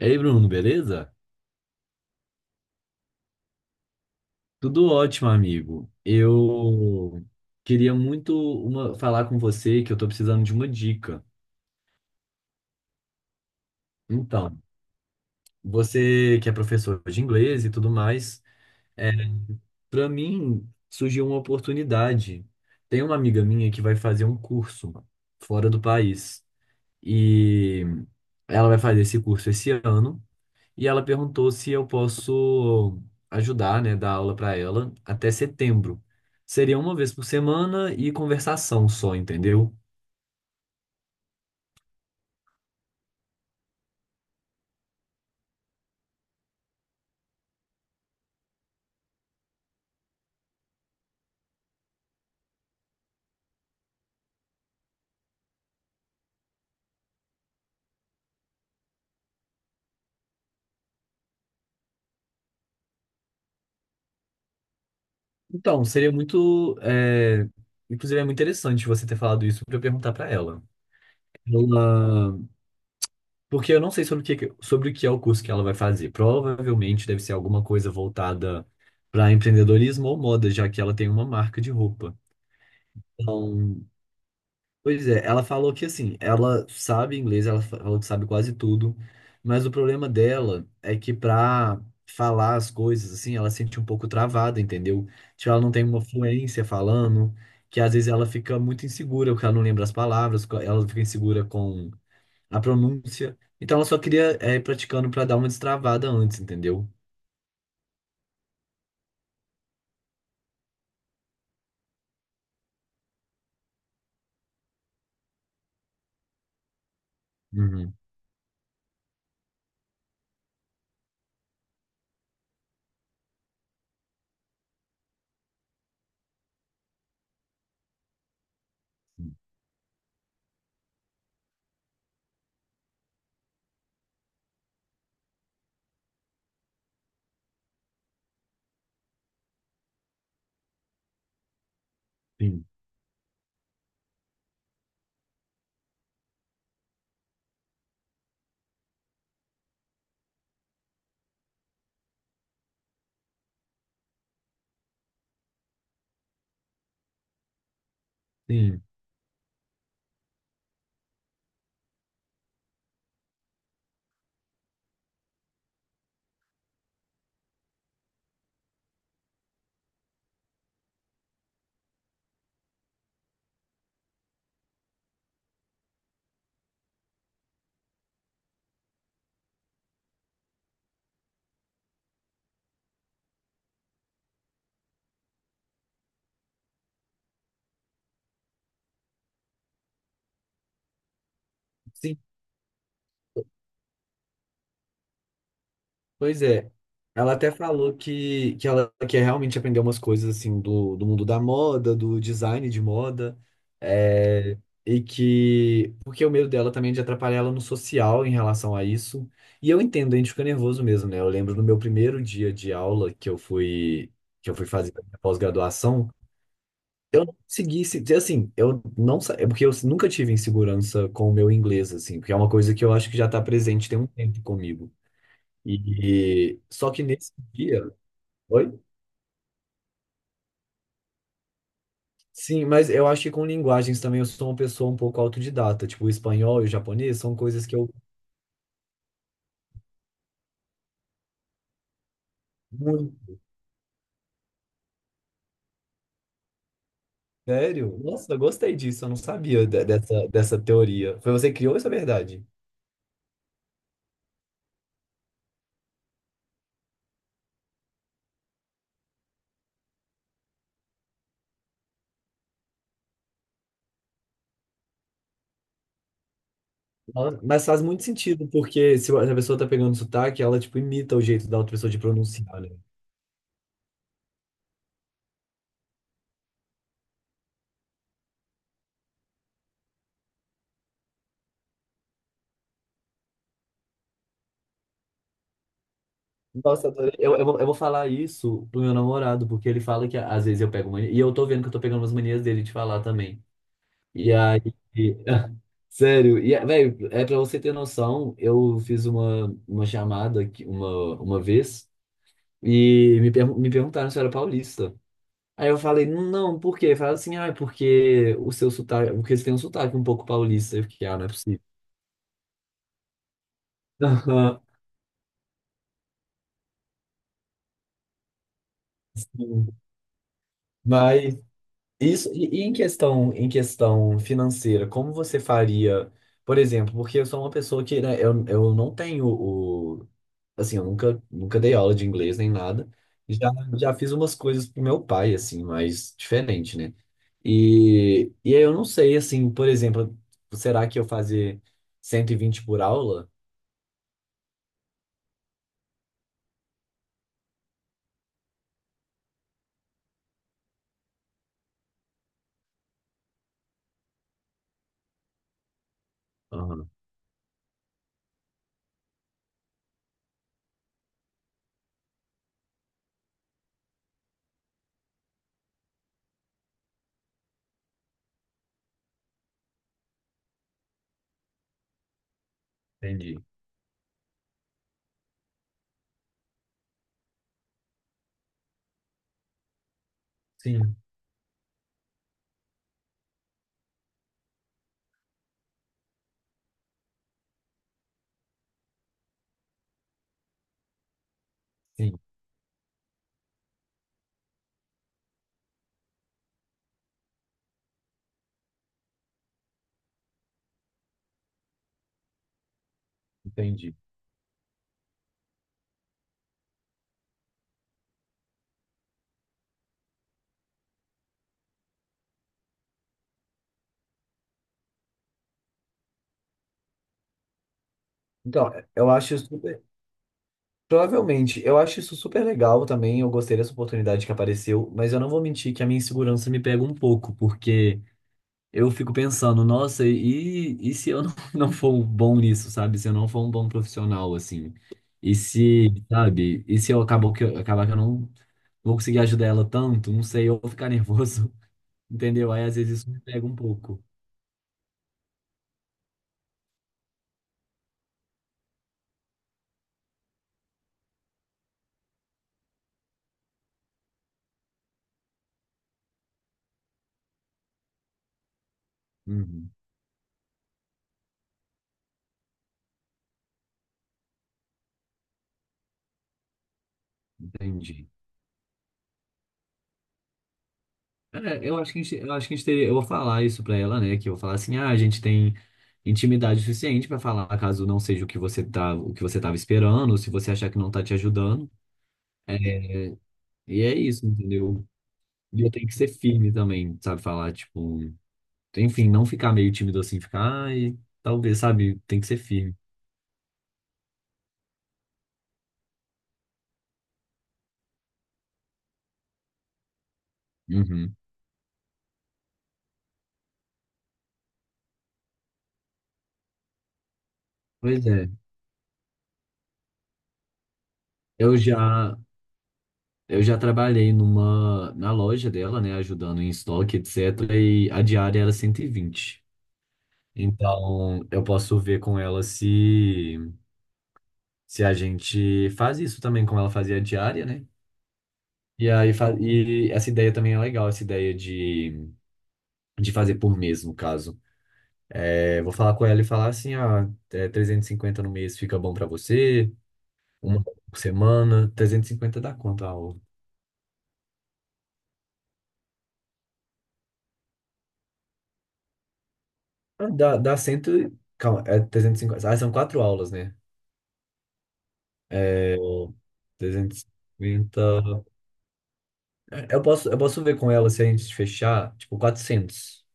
Ei, Bruno, beleza? Tudo ótimo, amigo. Eu queria muito falar com você que eu tô precisando de uma dica. Então, você que é professor de inglês e tudo mais, é, para mim surgiu uma oportunidade. Tem uma amiga minha que vai fazer um curso fora do país e ela vai fazer esse curso esse ano. E ela perguntou se eu posso ajudar, né, dar aula para ela até setembro. Seria uma vez por semana e conversação só, entendeu? Então, seria muito, inclusive é muito interessante você ter falado isso para eu perguntar para ela. Ela, porque eu não sei sobre o que é o curso que ela vai fazer. Provavelmente deve ser alguma coisa voltada para empreendedorismo ou moda, já que ela tem uma marca de roupa. Pois é, ela falou que assim, ela sabe inglês, falou que sabe quase tudo, mas o problema dela é que pra falar as coisas, assim, ela se sente um pouco travada, entendeu? Tipo, ela não tem uma fluência falando, que às vezes ela fica muito insegura, porque ela não lembra as palavras, ela fica insegura com a pronúncia. Então ela só queria ir praticando pra dar uma destravada antes, entendeu? Uhum. Sim, sim. Sim, pois é. Ela até falou que ela quer realmente aprender umas coisas assim do mundo da moda, do design de moda. É, e que. Porque o medo dela também é de atrapalhar ela no social em relação a isso. E eu entendo, a gente fica nervoso mesmo, né? Eu lembro no meu primeiro dia de aula que eu fui fazer a minha pós-graduação. Eu não consegui, dizer assim, eu não sa- é porque eu nunca tive insegurança com o meu inglês, assim, porque é uma coisa que eu acho que já está presente tem um tempo comigo. E, só que nesse dia, oi? Sim, mas eu acho que com linguagens também eu sou uma pessoa um pouco autodidata, tipo o espanhol e o japonês são coisas que eu muito sério. Nossa, eu gostei disso, eu não sabia dessa teoria. Foi você que criou essa verdade? Ah, mas faz muito sentido, porque se a pessoa tá pegando sotaque, ela tipo imita o jeito da outra pessoa de pronunciar, né? Nossa, adorei. Eu vou falar isso pro meu namorado, porque ele fala que às vezes eu pego mania, e eu tô vendo que eu tô pegando umas manias dele de falar também. E aí, sério, velho, é pra você ter noção, eu fiz uma chamada aqui uma vez e me perguntaram se eu era paulista. Aí eu falei, não, por quê? Falaram assim, ah, é porque o seu sotaque, porque eles têm um sotaque um pouco paulista. Eu fiquei, ah, não é possível. Aham, sim. Mas isso, em questão financeira, como você faria, por exemplo, porque eu sou uma pessoa que, né, eu não tenho assim, eu nunca, nunca dei aula de inglês nem nada. Já, já fiz umas coisas pro meu pai, assim, mais diferente, né? E aí eu não sei, assim, por exemplo, será que eu fazer 120 por aula? Aham, entendi. Sim, sim, entendi. Então, eu acho super. Provavelmente, eu acho isso super legal também. Eu gostei dessa oportunidade que apareceu, mas eu não vou mentir que a minha insegurança me pega um pouco, porque. Eu fico pensando, nossa, e se eu não, não for bom nisso, sabe? Se eu não for um bom profissional, assim. E se, sabe? E se eu acabo que acabar que eu não vou conseguir ajudar ela tanto, não sei, eu vou ficar nervoso, entendeu? Aí às vezes isso me pega um pouco. Uhum, entendi. É, eu acho que a gente teria, eu vou falar isso pra ela, né? Que eu vou falar assim, ah, a gente tem intimidade suficiente pra falar caso não seja o que você tava esperando, ou se você achar que não tá te ajudando. É, e é isso, entendeu? E eu tenho que ser firme também, sabe? Falar, tipo, enfim, não ficar meio tímido assim, ficar, ai, talvez, sabe? Tem que ser firme. Uhum. Pois é. Eu já, na loja dela, né? Ajudando em estoque, etc. E a diária era 120. Então, eu posso ver com ela se, se a gente faz isso também, como ela fazia a diária, né? E aí, e essa ideia também é legal, essa ideia de fazer por mês, no caso. É, vou falar com ela e falar assim, ah, 350 no mês fica bom pra você, uma por semana, 350 dá quanto a aula? Ah, dá 100, e- calma, é 350 ah, são quatro aulas, né? É, 350, eu posso ver com ela se a gente fechar, tipo, 400.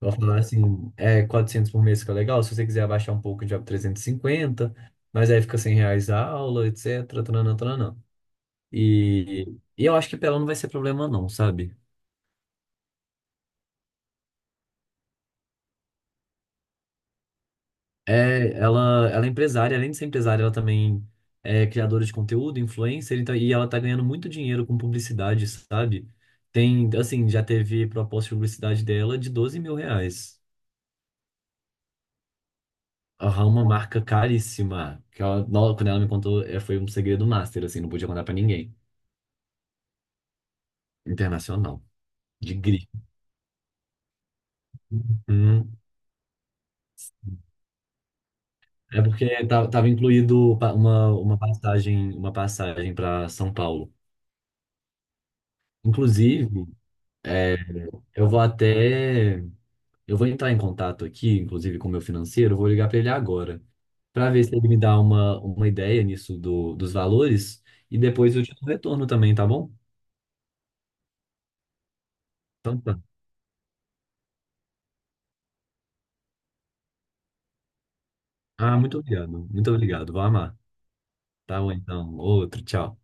Eu vou falar assim, 400 por mês fica legal, se você quiser abaixar um pouco, já 350, mas aí fica R$ 100 a aula, etc, tananã, tananã. E, e eu acho que pra ela não vai ser problema não, sabe? É, ela é empresária, além de ser empresária, ela também é criadora de conteúdo, influencer, então, e ela tá ganhando muito dinheiro com publicidade, sabe? Tem, assim, já teve proposta de publicidade dela de R$ 12.000. Aham, uma marca caríssima, que ela, quando ela me contou, foi um segredo master, assim, não podia contar pra ninguém. Internacional, de grife. Uhum. É porque tava incluído uma passagem para São Paulo. Inclusive, é, eu vou até eu vou entrar em contato aqui, inclusive com o meu financeiro, eu vou ligar para ele agora, para ver se ele me dá uma ideia nisso do, dos valores e depois eu te dou retorno também, tá bom? Então tá. Ah, muito obrigado. Muito obrigado. Vou amar. Tá bom, então. Outro, tchau.